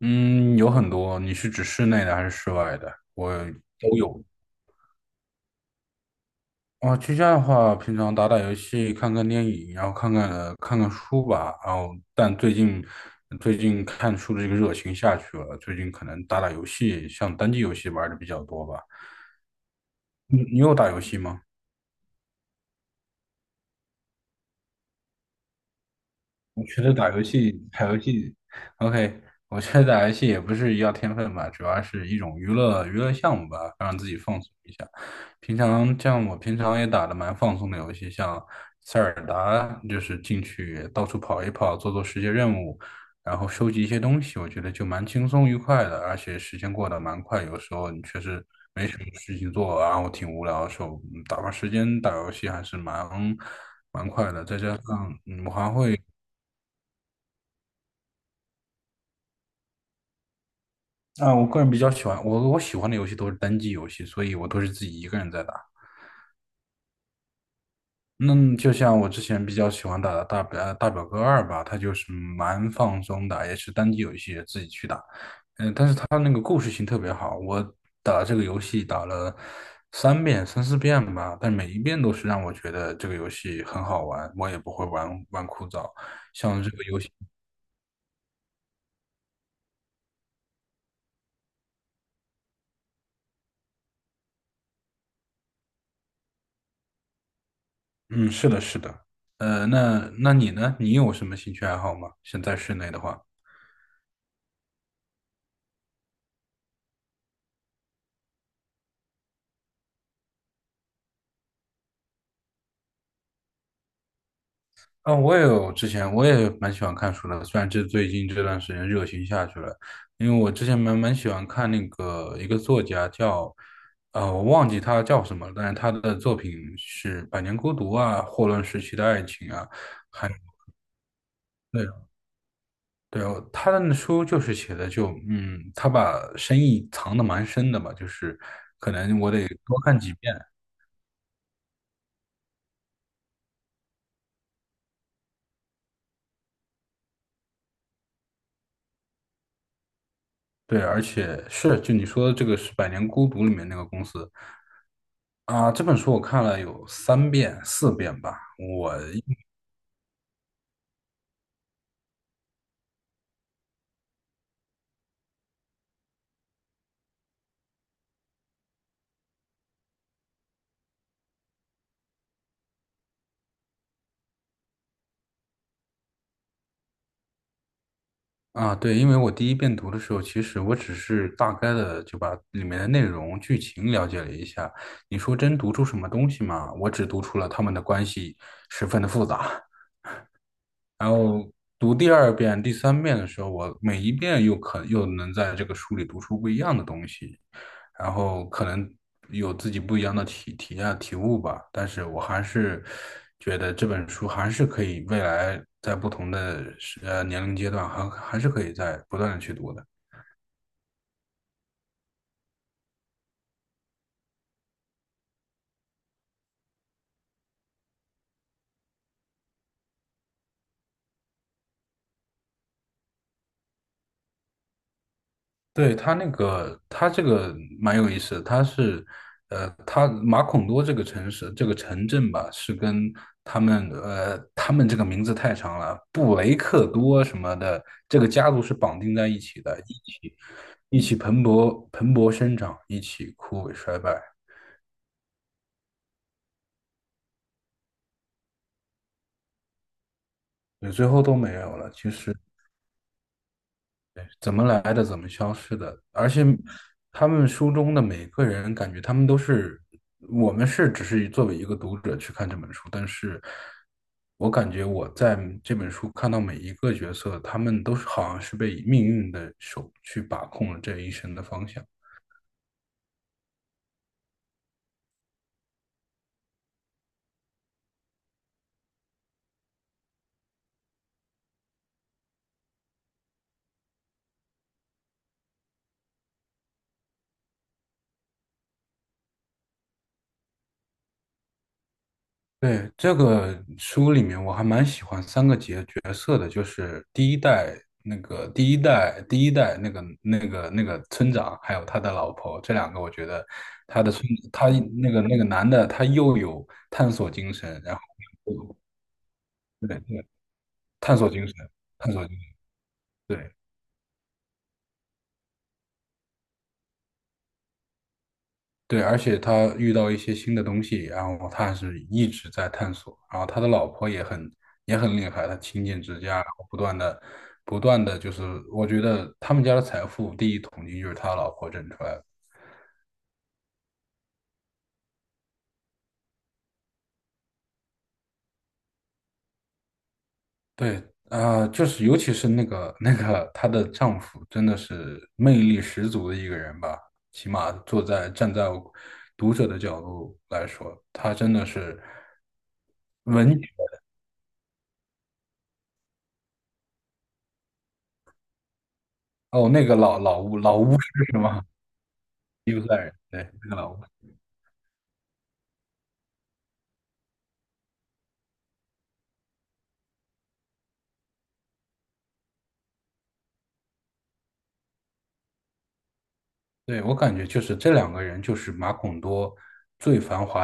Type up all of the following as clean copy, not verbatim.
嗯，有很多。你是指室内的还是室外的？我都有。啊，居家的话，平常打打游戏、看看电影，然后看看书吧。然后,但最近看书的这个热情下去了，最近可能打打游戏，像单机游戏玩的比较多吧。你有打游戏吗？我觉得打游戏，打游戏，OK,我觉得打游戏也不是要天分吧，主要是一种娱乐娱乐项目吧，让自己放松一下。平常像我平常也打的蛮放松的游戏，像塞尔达，就是进去到处跑一跑，做做世界任务，然后收集一些东西，我觉得就蛮轻松愉快的，而且时间过得蛮快。有时候你确实没什么事情做，然后挺无聊的时候，打发时间打游戏还是蛮快的。再加上啊，我个人比较喜欢我喜欢的游戏都是单机游戏，所以我都是自己一个人在打。那就像我之前比较喜欢打的大表哥二吧，它就是蛮放松的，也是单机游戏，自己去打。它那个故事性特别好，我打这个游戏打了三四遍吧，但每一遍都是让我觉得这个游戏很好玩，我也不会玩枯燥。像这个游戏，嗯，是的，是的。那你呢？你有什么兴趣爱好吗？现在室内的话。啊，我也有之前我也蛮喜欢看书的，虽然这最近这段时间热情下去了，因为我之前蛮喜欢看那个一个作家叫，我忘记他叫什么了，但是他的作品是《百年孤独》啊，《霍乱时期的爱情》啊，还有对对，他的那书就是写的就他把深意藏得蛮深的吧，就是可能我得多看几遍，对，而且是就你说的这个是《百年孤独》里面那个公司。啊，这本书我看了有三遍、四遍吧。我啊，对，因为我第一遍读的时候，其实我只是大概的就把里面的内容、剧情了解了一下。你说真读出什么东西吗？我只读出了他们的关系十分的复杂。然后读第二遍、第三遍的时候，我每一遍又能在这个书里读出不一样的东西，然后可能有自己不一样的体验、体悟吧。但是我还是觉得这本书还是可以未来在不同的年龄阶段还是可以在不断的去读的。对，他那个，他这个蛮有意思的，他是,他马孔多这个城市，这个城镇吧，是跟他们,他们这个名字太长了，布雷克多什么的，这个家族是绑定在一起的，一起，一起蓬勃生长，一起枯萎衰败，对，最后都没有了。其实怎么来的，怎么消失的。而且，他们书中的每个人，感觉他们都是，我们是只是作为一个读者去看这本书，但是我感觉我在这本书看到每一个角色，他们都是好像是被命运的手去把控了这一生的方向。对，这个书里面我还蛮喜欢三个角色的，就是第一代那个第一代那个村长，还有他的老婆，这两个我觉得他的村他那个那个男的他又有探索精神，然后对对探索精神探索精神，对，对，而且他遇到一些新的东西，然后他还是一直在探索。然后他的老婆也很厉害，他勤俭持家，然后不断的就是，我觉得他们家的财富第一桶金就是他老婆挣出来的。对，啊、就是尤其是那个她的丈夫，真的是魅力十足的一个人吧。起码坐在站在读者的角度来说，他真的是文学哦，那个老巫师是吗？伊布赛人，对，那个老巫。对，我感觉就是这两个人就是马孔多，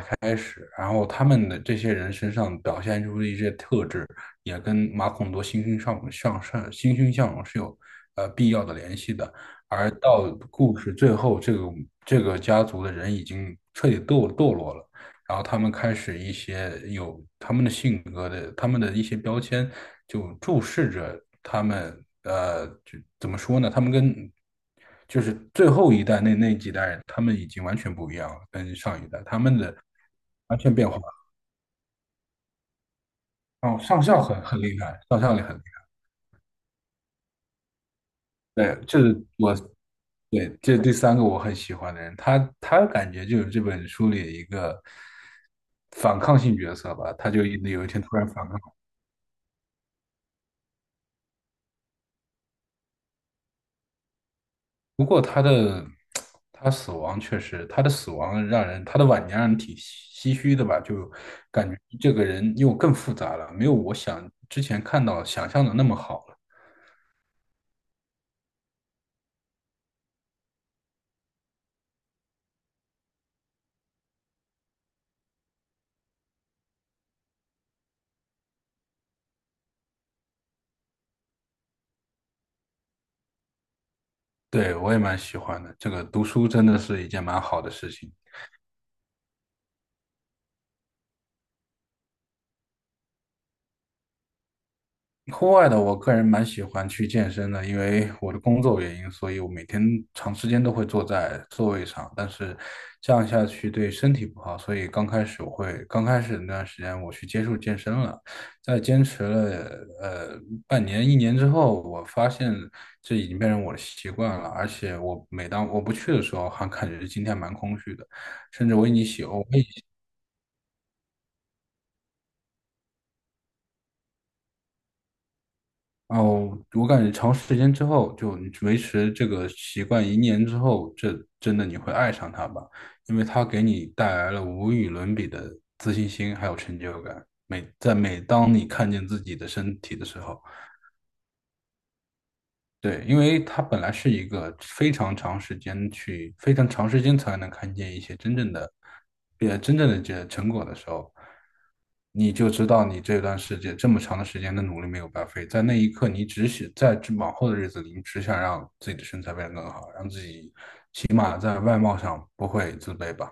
开始，然后他们的这些人身上表现出的一些特质，也跟马孔多欣欣向上、欣欣向荣是有必要的联系的。而到故事最后，这个家族的人已经彻底堕落了，然后他们开始一些有他们的性格的，他们的一些标签，就注视着他们，呃，就怎么说呢？他们跟就是最后一代那几代人，他们已经完全不一样了，跟上一代，他们的完全变化。哦，上校很厉害，上校也很厉害。对，这是我，对，这是第三个我很喜欢的人，他感觉就是这本书里一个反抗性角色吧，他就有一天突然反抗。不过他的他死亡确实，他的死亡让人他的晚年让人挺唏嘘的吧，就感觉这个人又更复杂了，没有我想之前看到想象的那么好了。对，我也蛮喜欢的，这个读书真的是一件蛮好的事情。户外的，我个人蛮喜欢去健身的，因为我的工作原因，所以我每天长时间都会坐在座位上，但是这样下去对身体不好，所以刚开始我会，刚开始那段时间我去接触健身了，在坚持了呃半年一年之后，我发现这已经变成我的习惯了，而且我每当我不去的时候，还感觉今天蛮空虚的，甚至我已经喜，我哦，我感觉长时间之后，就你维持这个习惯一年之后，这真的你会爱上它吧？因为它给你带来了无与伦比的自信心，还有成就感。每在每当你看见自己的身体的时候。对，因为它本来是一个非常长时间去，非常长时间才能看见一些真正的，真正的这成果的时候，你就知道你这段时间这么长的时间的努力没有白费。在那一刻，你只想在这往后的日子里，你只想让自己的身材变得更好，让自己起码在外貌上不会自卑吧。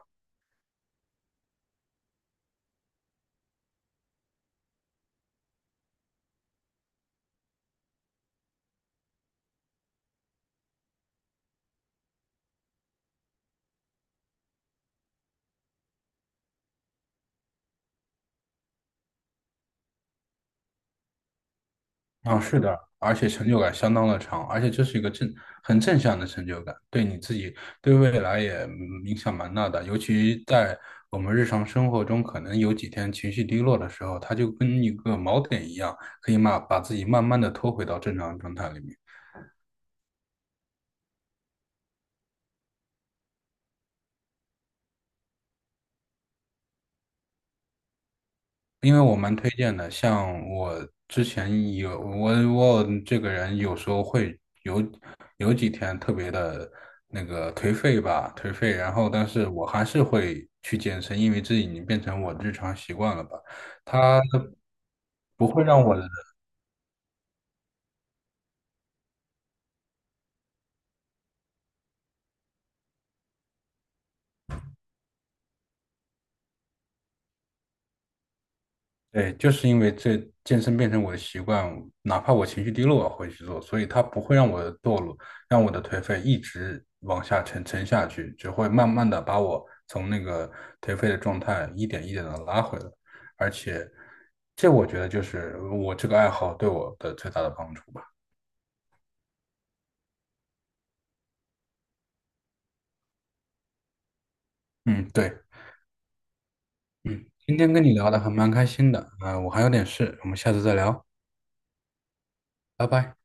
啊，是的，而且成就感相当的长，而且这是一个很正向的成就感，对你自己对未来也影响蛮大的。尤其在我们日常生活中，可能有几天情绪低落的时候，它就跟一个锚点一样，可以慢把自己慢慢的拖回到正常状态里面。因为我蛮推荐的，像我之前我这个人有时候会有几天特别的那个颓废吧，颓废，然后但是我还是会去健身，因为这已经变成我日常习惯了吧，它不会让我对，就是因为这健身变成我的习惯，哪怕我情绪低落，我会去做，所以它不会让我的堕落，让我的颓废一直往下沉下去，只会慢慢的把我从那个颓废的状态一点一点的拉回来。而且，这我觉得就是我这个爱好对我的最大的帮助吧。嗯，对，嗯，今天跟你聊的还蛮开心的，啊、我还有点事，我们下次再聊，拜拜。